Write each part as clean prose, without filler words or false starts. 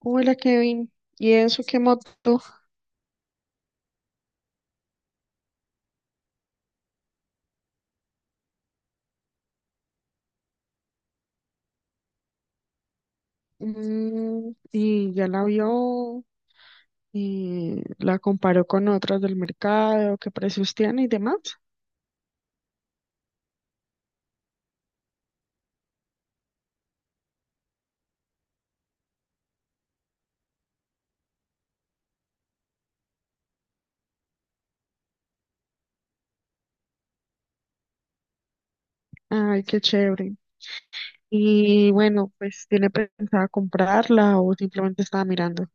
Hola Kevin, ¿y eso qué moto? Mm, ¿y ya la vio? ¿Y la comparó con otras del mercado? ¿Qué precios tiene y demás? Ay, qué chévere. Y bueno, pues ¿tiene pensada comprarla o simplemente estaba mirando?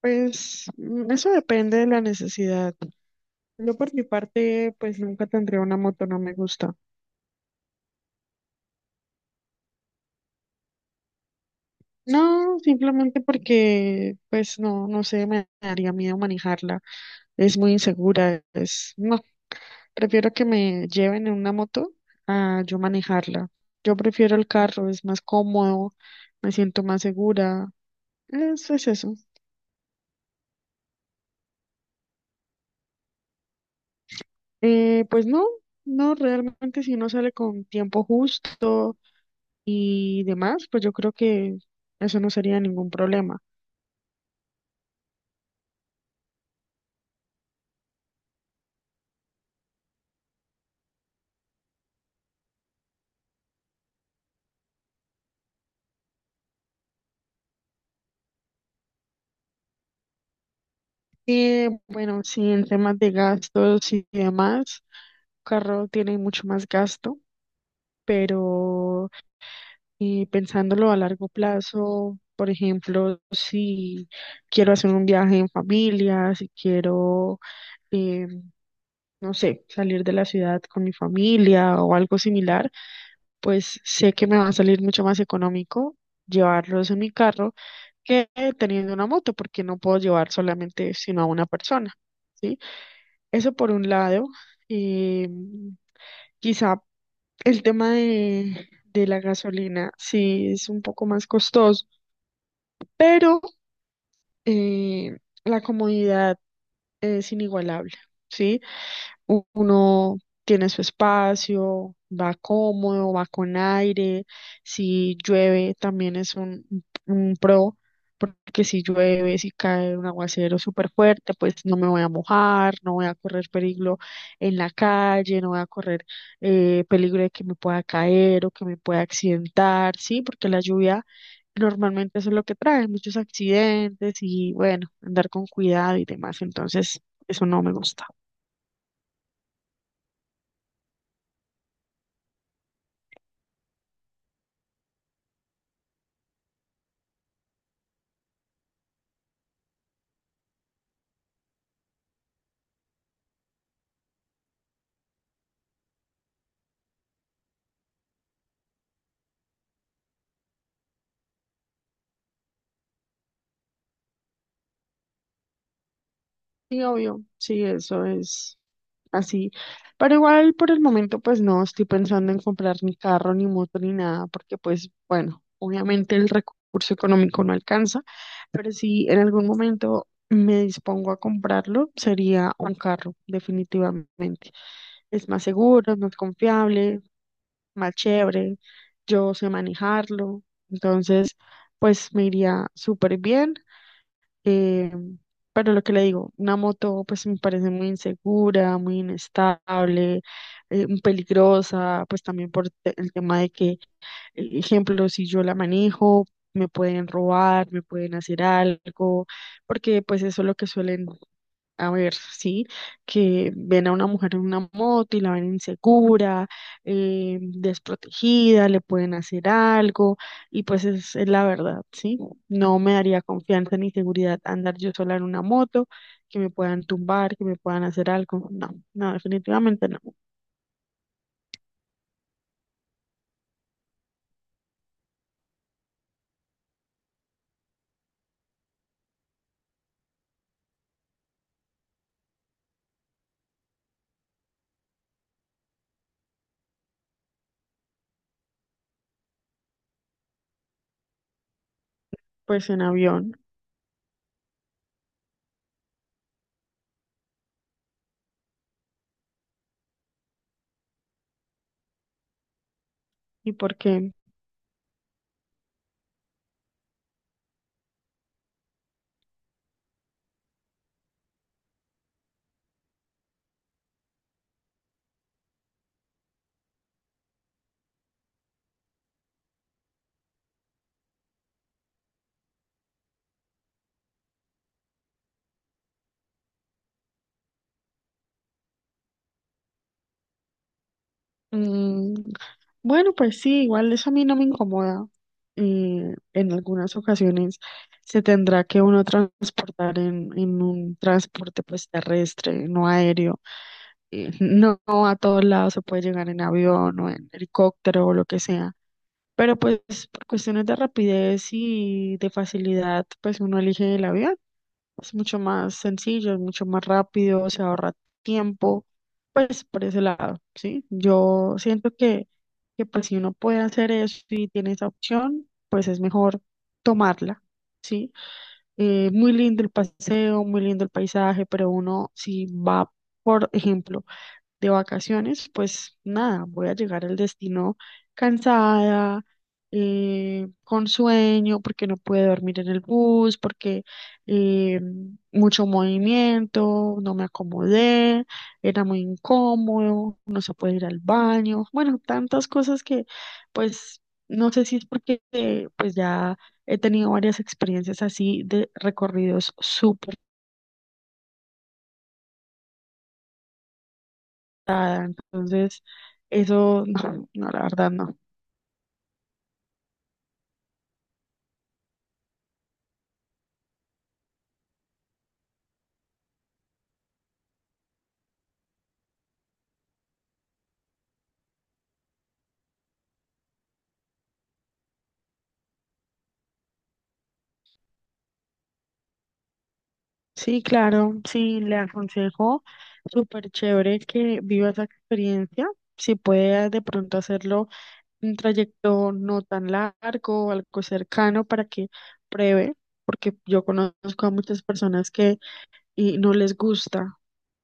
Pues eso depende de la necesidad. Yo por mi parte, pues nunca tendría una moto, no me gusta. No, simplemente porque, pues no, no sé, me daría miedo manejarla. Es muy insegura, es, no, prefiero que me lleven en una moto a yo manejarla. Yo prefiero el carro, es más cómodo, me siento más segura, eso es eso. Pues no, no, realmente si uno sale con tiempo justo y demás, pues yo creo que eso no sería ningún problema. Y bueno, sí, en temas de gastos y demás, carro tiene mucho más gasto, pero y pensándolo a largo plazo, por ejemplo, si quiero hacer un viaje en familia, si quiero, eh, no sé, salir de la ciudad con mi familia o algo similar, pues sé que me va a salir mucho más económico llevarlos en mi carro que teniendo una moto, porque no puedo llevar solamente sino a una persona, ¿sí? Eso por un lado. eh, Quizá el tema de la gasolina sí es un poco más costoso, pero eh, la comodidad es inigualable, ¿sí? Uno tiene su espacio, va cómodo, va con aire. Si llueve, también es un pro, porque si llueve, si cae un aguacero súper fuerte, pues no me voy a mojar, no voy a correr peligro en la calle, no voy a correr peligro de que me pueda caer o que me pueda accidentar, ¿sí? Porque la lluvia normalmente eso es lo que trae, muchos accidentes y bueno, andar con cuidado y demás. Entonces, eso no me gusta. Sí, obvio, sí, eso es así. Pero igual por el momento pues no estoy pensando en comprar ni carro, ni moto, ni nada, porque pues bueno, obviamente el recurso económico no alcanza, pero si en algún momento me dispongo a comprarlo, sería un carro, definitivamente. Es más seguro, es más confiable, más chévere, yo sé manejarlo, entonces pues me iría súper bien. Eh, pero lo que le digo, una moto pues me parece muy insegura, muy inestable, peligrosa, pues también por el tema de que ejemplo, si yo la manejo, me pueden robar, me pueden hacer algo, porque pues eso es lo que suelen a ver, ¿sí? Que ven a una mujer en una moto y la ven insegura, desprotegida, le pueden hacer algo, y pues es la verdad, ¿sí? No me daría confianza ni seguridad andar yo sola en una moto, que me puedan tumbar, que me puedan hacer algo. No, no, definitivamente no. Pues en avión. ¿Y por qué? Mm, bueno, pues sí, igual eso a mí no me incomoda. En algunas ocasiones se tendrá que uno transportar en un transporte pues terrestre, no aéreo. No, no a todos lados se puede llegar en avión o en helicóptero o lo que sea. Pero pues por cuestiones de rapidez y de facilidad, pues uno elige el avión. Es mucho más sencillo, es mucho más rápido, se ahorra tiempo. Pues por ese lado, ¿sí? Yo siento que pues si uno puede hacer eso y tiene esa opción, pues es mejor tomarla, ¿sí? Muy lindo el paseo, muy lindo el paisaje, pero uno si va, por ejemplo, de vacaciones, pues nada, voy a llegar al destino cansada, con sueño, porque no pude dormir en el bus, porque eh, mucho movimiento, no me acomodé, era muy incómodo, no se puede ir al baño, bueno, tantas cosas que pues no sé si es porque pues ya he tenido varias experiencias así de recorridos súper tarde. Entonces, eso no, no, la verdad no. Sí, claro, sí, le aconsejo, súper chévere que viva esa experiencia. Si puedes de pronto hacerlo un trayecto no tan largo o algo cercano para que pruebe, porque yo conozco a muchas personas que y no les gusta.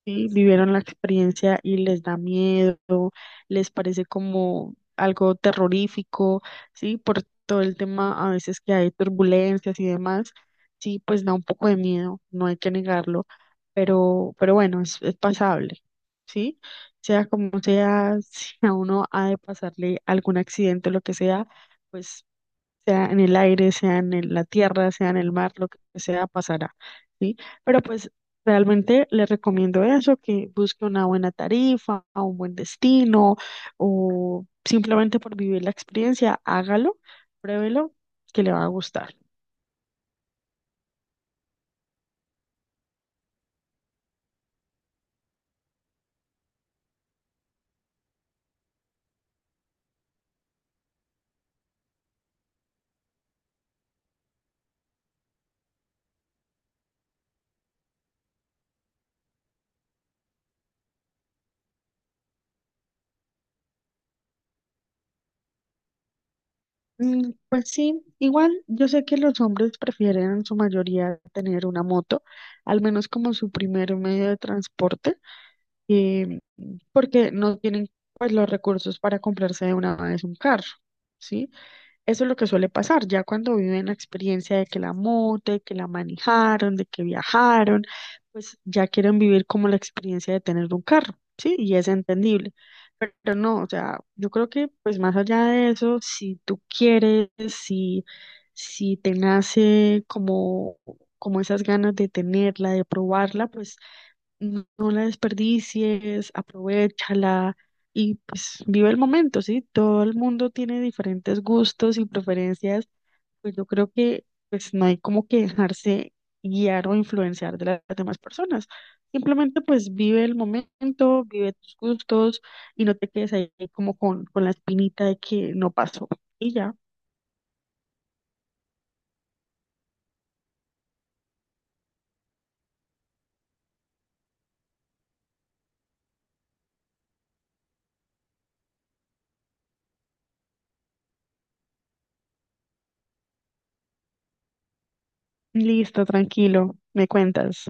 Sí, vivieron la experiencia y les da miedo, les parece como algo terrorífico, sí, por todo el tema a veces que hay turbulencias y demás, sí, pues da un poco de miedo, no hay que negarlo, pero bueno, es pasable, sí, sea como sea, si a uno ha de pasarle algún accidente o lo que sea, pues sea en el aire, sea en la tierra, sea en el mar, lo que sea, pasará, ¿sí? Pero pues realmente les recomiendo eso, que busque una buena tarifa, un buen destino, o simplemente por vivir la experiencia, hágalo, pruébelo, que le va a gustar. Mm, pues sí, igual yo sé que los hombres prefieren en su mayoría tener una moto, al menos como su primer medio de transporte. eh, Porque no tienen pues los recursos para comprarse de una vez un carro, ¿sí? Eso es lo que suele pasar, ya cuando viven la experiencia de que la moto, de que la manejaron, de que viajaron, pues ya quieren vivir como la experiencia de tener un carro, ¿sí? Y es entendible. Pero no, o sea, yo creo que pues más allá de eso, si tú quieres, si, si te nace como, como esas ganas de tenerla, de probarla, pues no la desperdicies, aprovéchala y pues vive el momento, ¿sí? Todo el mundo tiene diferentes gustos y preferencias, pues yo creo que pues no hay como que dejarse guiar o influenciar de las demás personas. Simplemente pues vive el momento, vive tus gustos y no te quedes ahí como con la espinita de que no pasó. Y ya, listo, tranquilo, me cuentas.